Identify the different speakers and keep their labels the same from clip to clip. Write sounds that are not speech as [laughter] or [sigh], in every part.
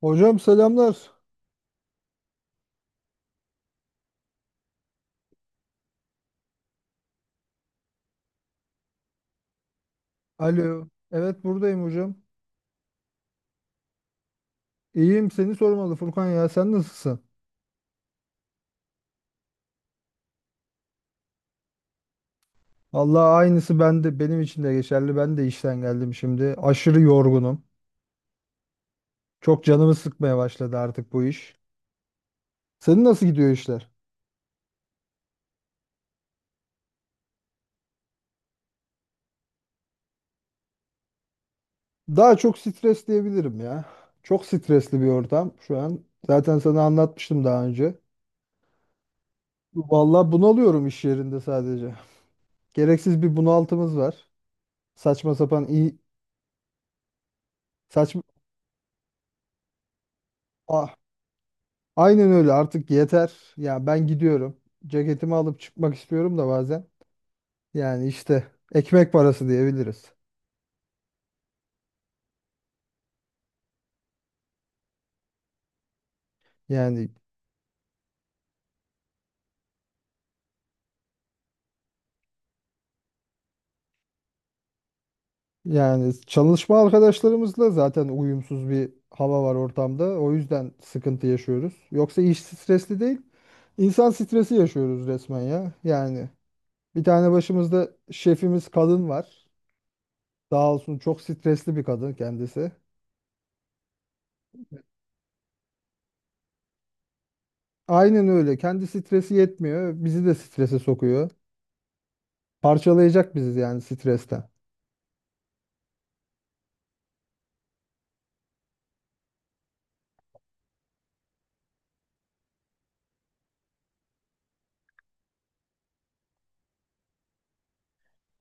Speaker 1: Hocam selamlar. Alo. Evet buradayım hocam. İyiyim seni sormalı Furkan, ya sen nasılsın? Allah aynısı bende, benim için de geçerli. Ben de işten geldim şimdi. Aşırı yorgunum. Çok canımı sıkmaya başladı artık bu iş. Senin nasıl gidiyor işler? Daha çok stres diyebilirim ya. Çok stresli bir ortam şu an. Zaten sana anlatmıştım daha önce. Vallahi bunalıyorum iş yerinde sadece. Gereksiz bir bunaltımız var. Saçma sapan iyi saçma ah, aynen öyle, artık yeter. Ya ben gidiyorum. Ceketimi alıp çıkmak istiyorum da bazen. Yani işte ekmek parası diyebiliriz. Yani yani çalışma arkadaşlarımızla zaten uyumsuz bir hava var ortamda. O yüzden sıkıntı yaşıyoruz. Yoksa iş stresli değil. İnsan stresi yaşıyoruz resmen ya. Yani bir tane başımızda şefimiz kadın var. Sağ olsun, çok stresli bir kadın kendisi. Aynen öyle. Kendi stresi yetmiyor. Bizi de strese sokuyor. Parçalayacak bizi yani stresten.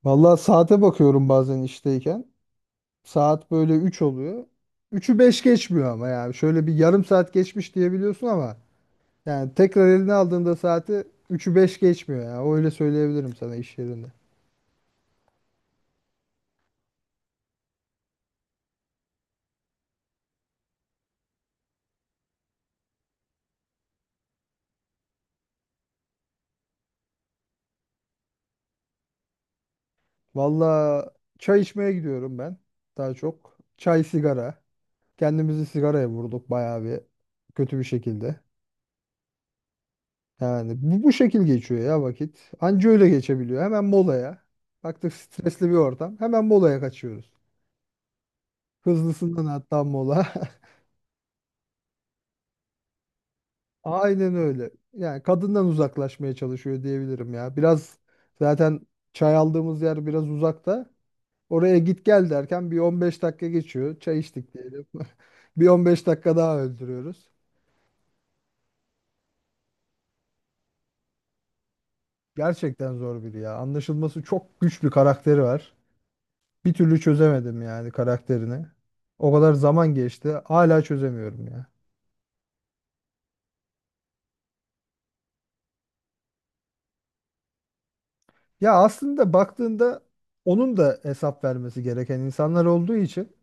Speaker 1: Vallahi saate bakıyorum bazen işteyken. Saat böyle üç oluyor. Üçü beş geçmiyor ama yani. Şöyle bir yarım saat geçmiş diyebiliyorsun ama yani tekrar eline aldığında saati üçü 5 geçmiyor ya. Öyle söyleyebilirim sana iş yerinde. Vallahi çay içmeye gidiyorum ben daha çok. Çay sigara. Kendimizi sigaraya vurduk bayağı bir kötü bir şekilde. Yani bu şekil geçiyor ya vakit. Anca öyle geçebiliyor. Hemen molaya. Baktık stresli bir ortam. Hemen molaya kaçıyoruz. Hızlısından hatta mola. [laughs] Aynen öyle. Yani kadından uzaklaşmaya çalışıyor diyebilirim ya. Biraz zaten çay aldığımız yer biraz uzakta. Oraya git gel derken bir 15 dakika geçiyor. Çay içtik diyelim. [laughs] Bir 15 dakika daha öldürüyoruz. Gerçekten zor biri ya. Anlaşılması çok güç bir karakteri var. Bir türlü çözemedim yani karakterini. O kadar zaman geçti. Hala çözemiyorum ya. Ya aslında baktığında onun da hesap vermesi gereken insanlar olduğu için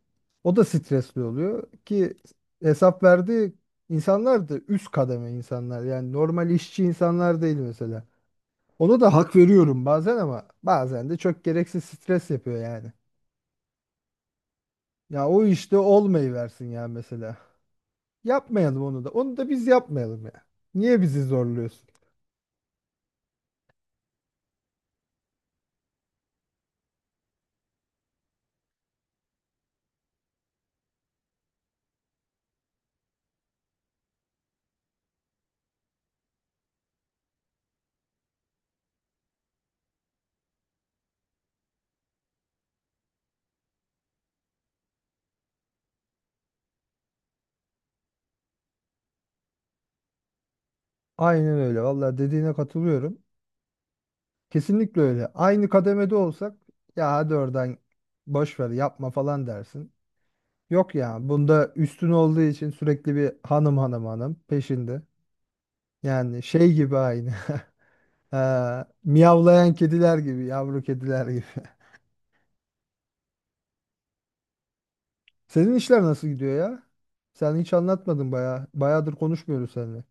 Speaker 1: o da stresli oluyor ki hesap verdiği insanlar da üst kademe insanlar. Yani normal işçi insanlar değil mesela. Ona da hak veriyorum bazen, ama bazen de çok gereksiz stres yapıyor yani. Ya o işte olmayı versin ya mesela. Yapmayalım onu da. Onu da biz yapmayalım ya. Niye bizi zorluyorsun? Aynen öyle. Vallahi dediğine katılıyorum. Kesinlikle öyle. Aynı kademede olsak ya hadi oradan boş ver yapma falan dersin. Yok ya, bunda üstün olduğu için sürekli bir hanım hanım hanım peşinde. Yani şey gibi aynı. [laughs] Ha, miyavlayan kediler gibi, yavru kediler gibi. [laughs] Senin işler nasıl gidiyor ya? Sen hiç anlatmadın bayağı. Bayağıdır konuşmuyoruz seninle.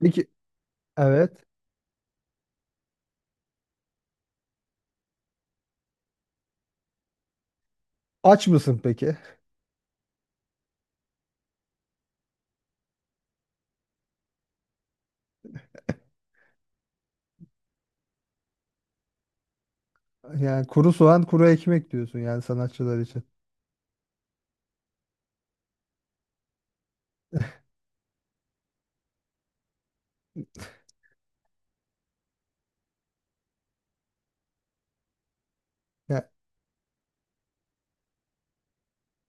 Speaker 1: Peki, evet. Aç mısın peki? Yani kuru soğan, kuru ekmek diyorsun yani sanatçılar için.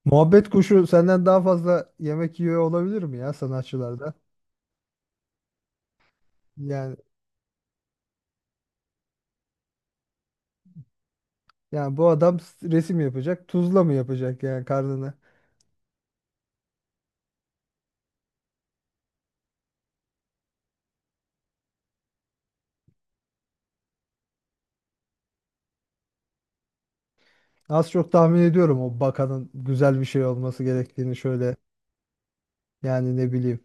Speaker 1: Muhabbet kuşu senden daha fazla yemek yiyor olabilir mi ya sanatçılarda? Yani yani bu adam resim yapacak, tuzla mı yapacak yani karnını? Az çok tahmin ediyorum o bakanın güzel bir şey olması gerektiğini, şöyle yani ne bileyim.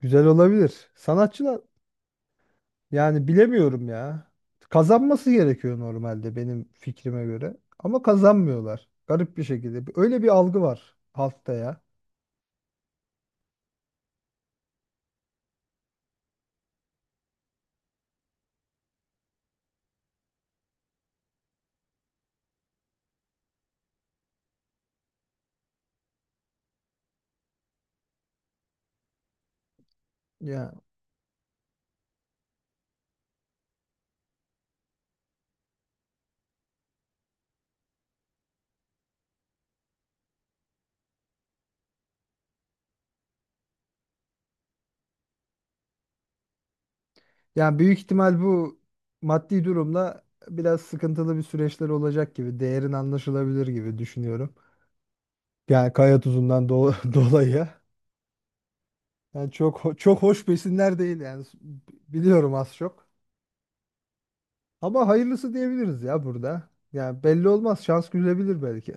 Speaker 1: Güzel olabilir. Sanatçılar yani bilemiyorum ya. Kazanması gerekiyor normalde benim fikrime göre. Ama kazanmıyorlar. Garip bir şekilde. Öyle bir algı var halkta ya. Ya Yani büyük ihtimal bu maddi durumla biraz sıkıntılı bir süreçler olacak gibi, değerin anlaşılabilir gibi düşünüyorum. Yani kaya tuzundan [laughs] dolayı. Yani çok çok hoş besinler değil yani biliyorum az çok. Ama hayırlısı diyebiliriz ya burada. Yani belli olmaz, şans gülebilir belki.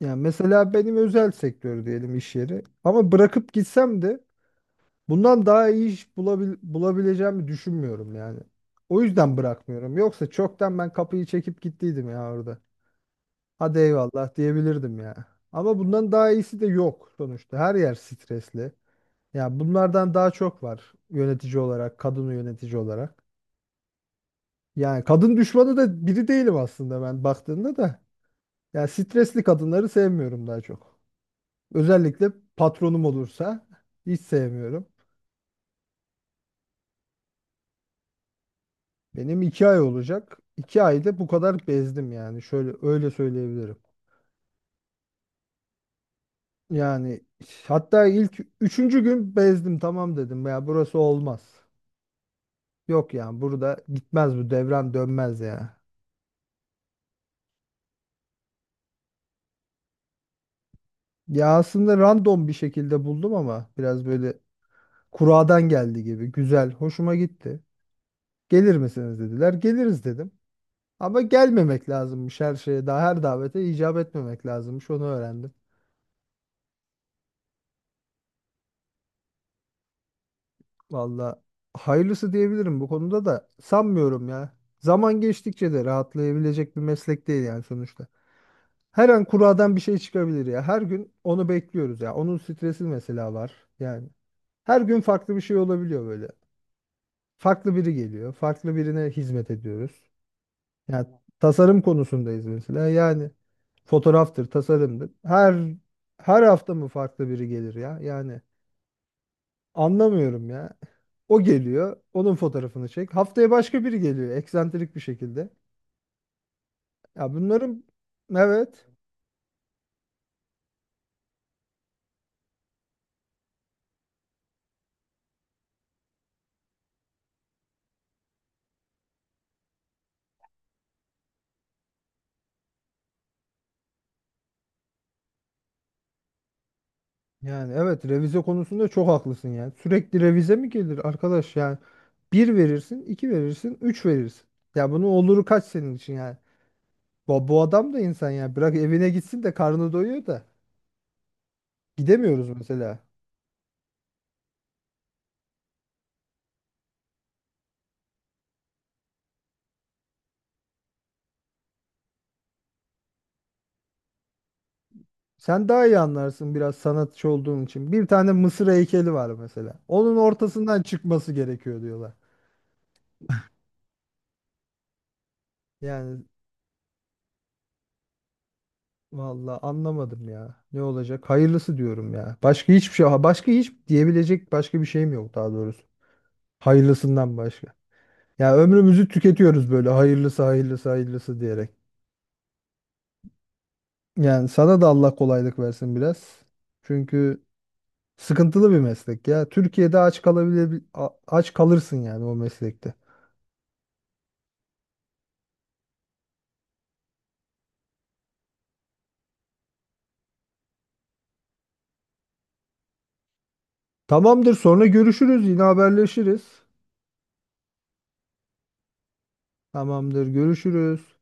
Speaker 1: Yani mesela benim özel sektör diyelim iş yeri. Ama bırakıp gitsem de bundan daha iyi iş bulabileceğimi düşünmüyorum yani. O yüzden bırakmıyorum. Yoksa çoktan ben kapıyı çekip gittiydim ya orada. Hadi eyvallah diyebilirdim ya. Ama bundan daha iyisi de yok sonuçta. Her yer stresli. Ya bunlardan daha çok var yönetici olarak, kadın yönetici olarak. Yani kadın düşmanı da biri değilim aslında ben baktığında da. Ya stresli kadınları sevmiyorum daha çok. Özellikle patronum olursa hiç sevmiyorum. Benim iki ay olacak. İki ayda bu kadar bezdim yani. Şöyle öyle söyleyebilirim. Yani hatta ilk üçüncü gün bezdim, tamam dedim ya, burası olmaz. Yok yani, burada gitmez bu devran dönmez ya. Ya aslında random bir şekilde buldum ama biraz böyle kuradan geldi gibi güzel, hoşuma gitti. Gelir misiniz dediler, geliriz dedim. Ama gelmemek lazımmış, her şeye daha her davete icap etmemek lazımmış, onu öğrendim. Valla hayırlısı diyebilirim bu konuda da, sanmıyorum ya. Zaman geçtikçe de rahatlayabilecek bir meslek değil yani sonuçta. Her an kuradan bir şey çıkabilir ya. Her gün onu bekliyoruz ya. Onun stresi mesela var yani. Her gün farklı bir şey olabiliyor böyle. Farklı biri geliyor. Farklı birine hizmet ediyoruz. Yani tasarım konusundayız mesela. Yani fotoğraftır, tasarımdır. Her hafta mı farklı biri gelir ya? Yani anlamıyorum ya. O geliyor. Onun fotoğrafını çek. Haftaya başka biri geliyor. Eksantrik bir şekilde. Ya bunların evet. Yani evet, revize konusunda çok haklısın yani. Sürekli revize mi gelir arkadaş yani? Bir verirsin, iki verirsin, üç verirsin. Ya bunun oluru kaç senin için yani? Bu adam da insan ya. Bırak evine gitsin de karnı doyuyor da. Gidemiyoruz mesela. Sen daha iyi anlarsın biraz sanatçı olduğun için. Bir tane Mısır heykeli var mesela. Onun ortasından çıkması gerekiyor diyorlar. Yani vallahi anlamadım ya. Ne olacak? Hayırlısı diyorum ya. Başka hiçbir şey, başka hiç diyebilecek başka bir şeyim yok daha doğrusu. Hayırlısından başka. Ya ömrümüzü tüketiyoruz böyle hayırlısı hayırlısı hayırlısı diyerek. Yani sana da Allah kolaylık versin biraz. Çünkü sıkıntılı bir meslek ya. Türkiye'de aç kalabilir aç kalırsın yani o meslekte. Tamamdır, sonra görüşürüz, yine haberleşiriz. Tamamdır, görüşürüz.